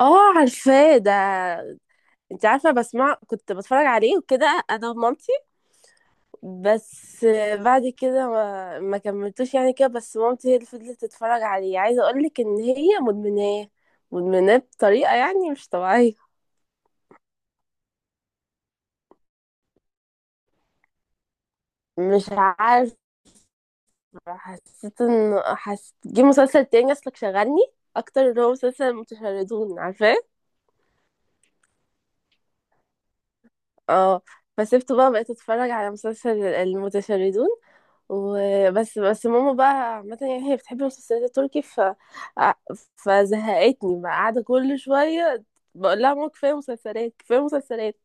اه، عارفاه ده. انت عارفه بسمع كنت بتفرج عليه وكده انا ومامتي بس. بعد كده ما كملتوش يعني كده. بس مامتي هي اللي فضلت تتفرج عليه. عايزه اقولك ان هي مدمناه بطريقه يعني مش طبيعيه. مش عارفه، حسيت جه مسلسل تاني اصلك شغلني اكتر، اللي هو مسلسل المتشردون، عارفاه؟ اه، فسبته بقى، بقيت اتفرج على مسلسل المتشردون وبس. بس ماما بقى عامة يعني هي بتحب المسلسلات التركي، ف ع- فزهقتني بقى، قاعدة كل شوية بقول لها ماما كفاية مسلسلات كفاية مسلسلات.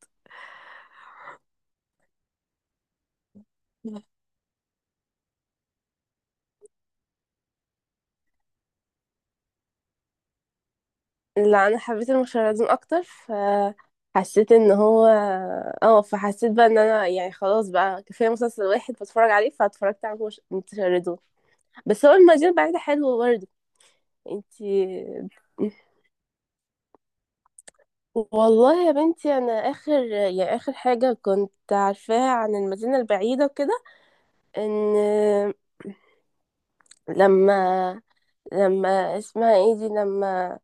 لا، أنا حبيت المشاهدين أكتر، فحسيت إن هو، اه، فحسيت بقى إن أنا يعني خلاص بقى كفاية مسلسل واحد بتفرج عليه، فاتفرجت على متشردون. بس هو المدينة البعيدة حلوة برضه. انتي، والله يا بنتي انا اخر يعني اخر حاجه كنت عارفاها عن المدينه البعيده وكده ان، لما، لما اسمها ايه دي، لما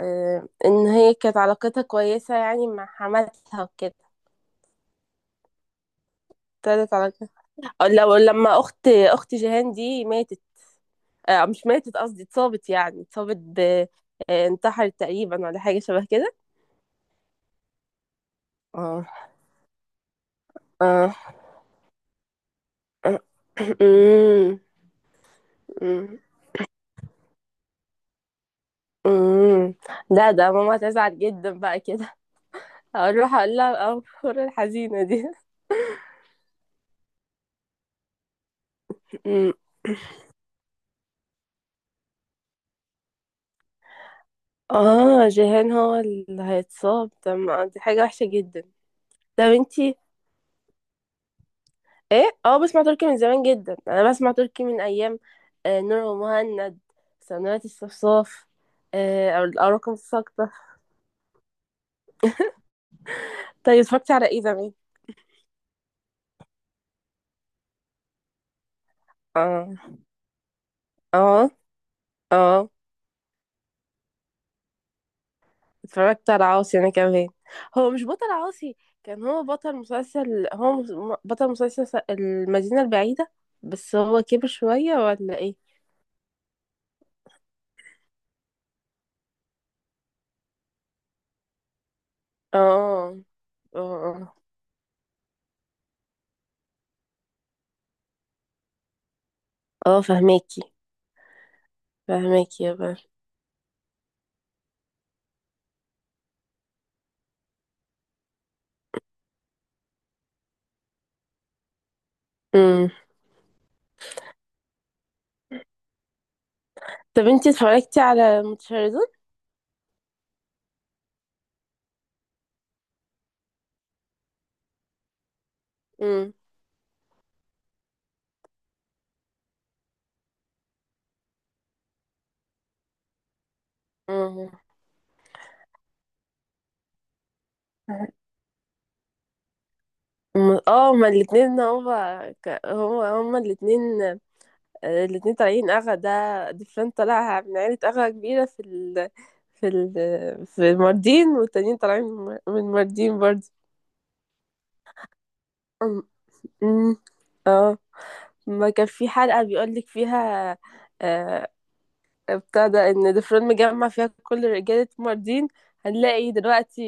ان هي كانت علاقتها كويسة يعني مع حماتها وكده. ابتدت علاقتها أو لو لما اخت جيهان دي ماتت. مش ماتت قصدي اتصابت، يعني اتصابت ب، انتحرت تقريبا ولا حاجة شبه كده. اه، اه. أمم، أمم، أمم. لا، ده ماما هتزعل جدا بقى كده، هروح اقول لها الاخبار الحزينة دي. اه جيهان هو اللي هيتصاب؟ طب ما دي حاجة وحشة جدا. طب انتي ايه؟ اه، بسمع تركي من زمان جدا، انا بسمع تركي من ايام آه نور ومهند، سنوات الصفصاف، او الاراكم الساقطة. طيب اتفرجتي على ايه زمان؟ اه، اه، اه. اتفرجت على عاصي انا كمان. هو مش بطل عاصي كان هو بطل مسلسل، بطل المدينة البعيدة؟ بس هو كبر شوية ولا ايه؟ اه، اه، اه، اه، فهماكي. فهمك يابا. امم. طب انتي اتفرجتي على متشردون؟ امم، امم. اه، هما الاتنين هما هما الاتنين، الاتنين طالعين اغا ده. ديفلان طالع من عيلة اغا كبيرة في في في الماردين، والتانيين طالعين من الماردين برضه. أم- أم. اه، ما كان في حلقة بيقولك فيها، آه، ابتدى ان دفرون مجمع فيها كل رجالة ماردين، هنلاقي دلوقتي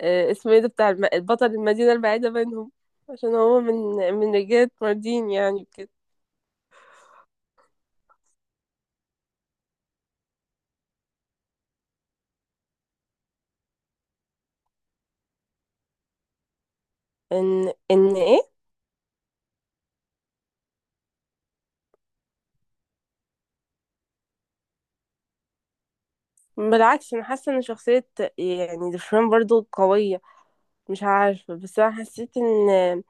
اسمه ايه ده بتاع البطل المدينة البعيدة بينهم، عشان هو من رجالة ماردين يعني كده. ان ايه. بالعكس، انا حاسة ان شخصية يعني دفرون برضو قوية. مش عارفة، بس انا حسيت ان،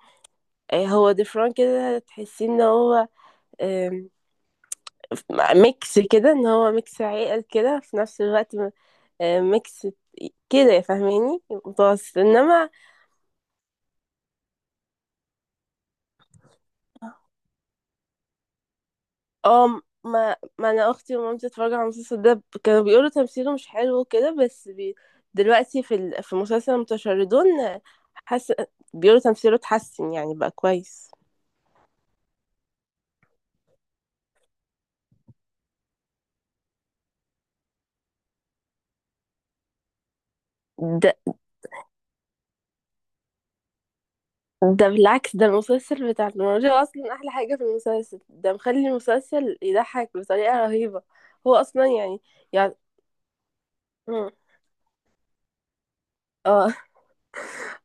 هو دفرون كده تحسي ان هو، آم، ميكس كده، ان هو ميكس عقل كده في نفس الوقت، ميكس كده فاهماني، متوسط، انما اه. ما انا اختي ومامتي اتفرجوا على المسلسل ده، كانوا بيقولوا تمثيله مش حلو وكده، بس دلوقتي في في مسلسل المتشردون، حس بيقولوا تمثيله اتحسن يعني بقى كويس. ده ده بالعكس، ده المسلسل بتاع المراجعة اصلا احلى حاجة في المسلسل ده، مخلي المسلسل يضحك بطريقة رهيبة. هو اصلا يعني، يعني. مم. اه،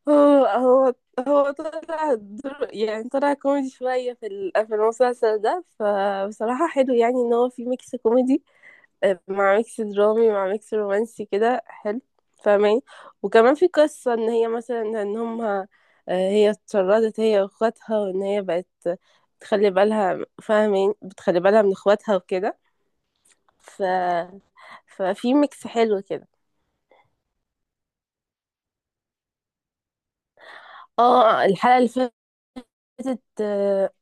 هو هو طلع دور يعني طلع كوميدي شوية في في المسلسل ده، فبصراحة حلو يعني ان هو في ميكس كوميدي مع ميكس درامي مع ميكس رومانسي كده، حلو فاهمين. وكمان في قصة ان هي مثلا ان هم، آه، هي اتشردت هي واخواتها، وان هي بقت تخلي بالها فاهمين، بتخلي بالها من اخواتها وكده، ف... ففي ميكس حلو كده. اه الحلقة اللي فاتت،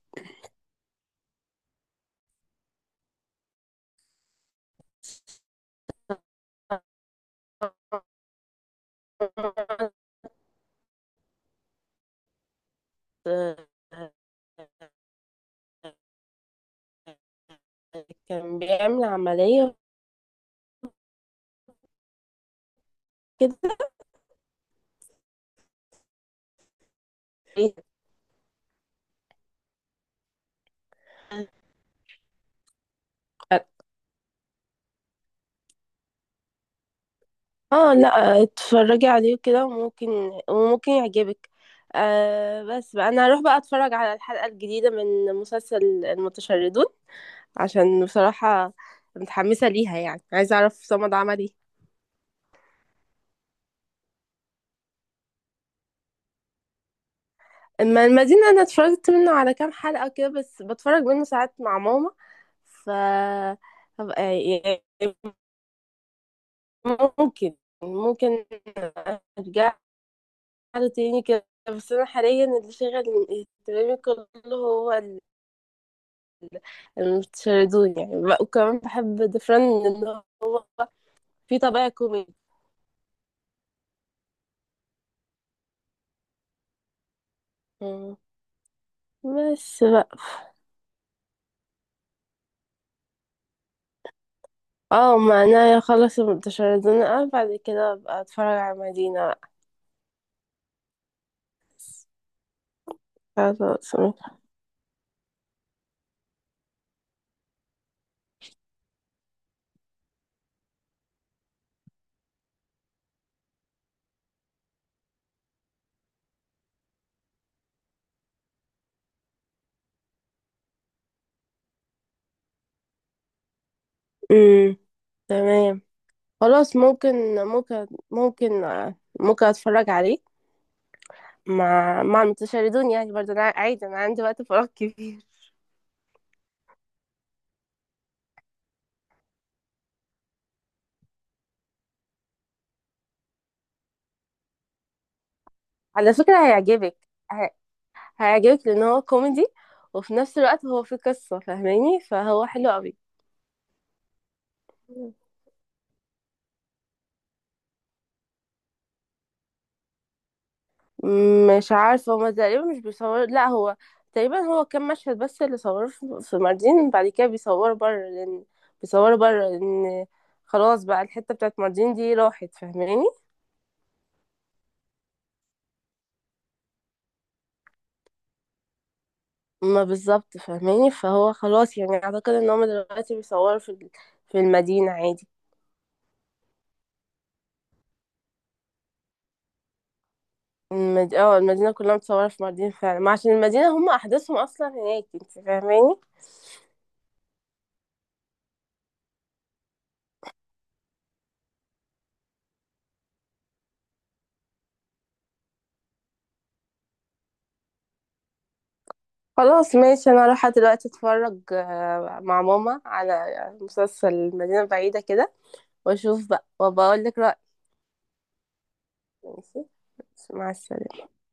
آه، آآ كان بيعمل عملية كده. آه لأ، اتفرّجي عليه وكده وممكن، وممكن يعجبِك. بس بقى أنا هاروح بقى أتفرّج على الحلقة الجديدة من مسلسل المتشردون، عشان بصراحة متحمسة ليها يعني، عايزة أعرف صمد عمل إيه. أمّا المدينة أنا اتفرّجت منه على كام حلقة كده، بس باتفرّج منه ساعات مع ماما، ف هابقى ممكن، ممكن أرجع له تاني كده. بس أنا حاليًا اللي شاغل اهتمامي كلّه هو الشيراتون يعني بقى، وكمان باحب ديفران لإن هو فيه طابع كوميدي. إمم. بس بقى، آه ما أنا أخلّص الشيراتون أوي بعد كده أبقى أتفرّج على مدينة بقى. خلاص. إمم، تمام، خلاص ممكن، ممكن، ممكن أتفرّج عليه. ما تشردوني يعني برضه، انا عادي انا عندي وقت فراغ كبير. على فكرة هيعجبك، ه- هيعجبك لان هو كوميدي، وفي نفس الوقت هو فيه قصة فاهماني، فهو حلو قوي. مش عارفة، هما تقريبا مش بيصور، لا هو تقريبا هو كام مشهد بس اللي صوروه في ماردين، بعد كده بيصوروا بره لأن، بيصوروا بره لأن خلاص بقى الحتة بتاعت ماردين دي راحت فاهماني. ما بالظبط فاهماني، فهو خلاص يعني أعتقد إن هما دلوقتي بيصوروا في في المدينة عادي. اه المدينة كلها متصورة في مالديف فعلا، ما عشان المدينة هم أحداثهم أصلا هناك انت فاهماني. خلاص ماشي، أنا رايحة دلوقتي أتفرج مع ماما على مسلسل المدينة البعيدة كده، وأشوف بقى وبقول لك رأيي. ماشي، مع السلامة.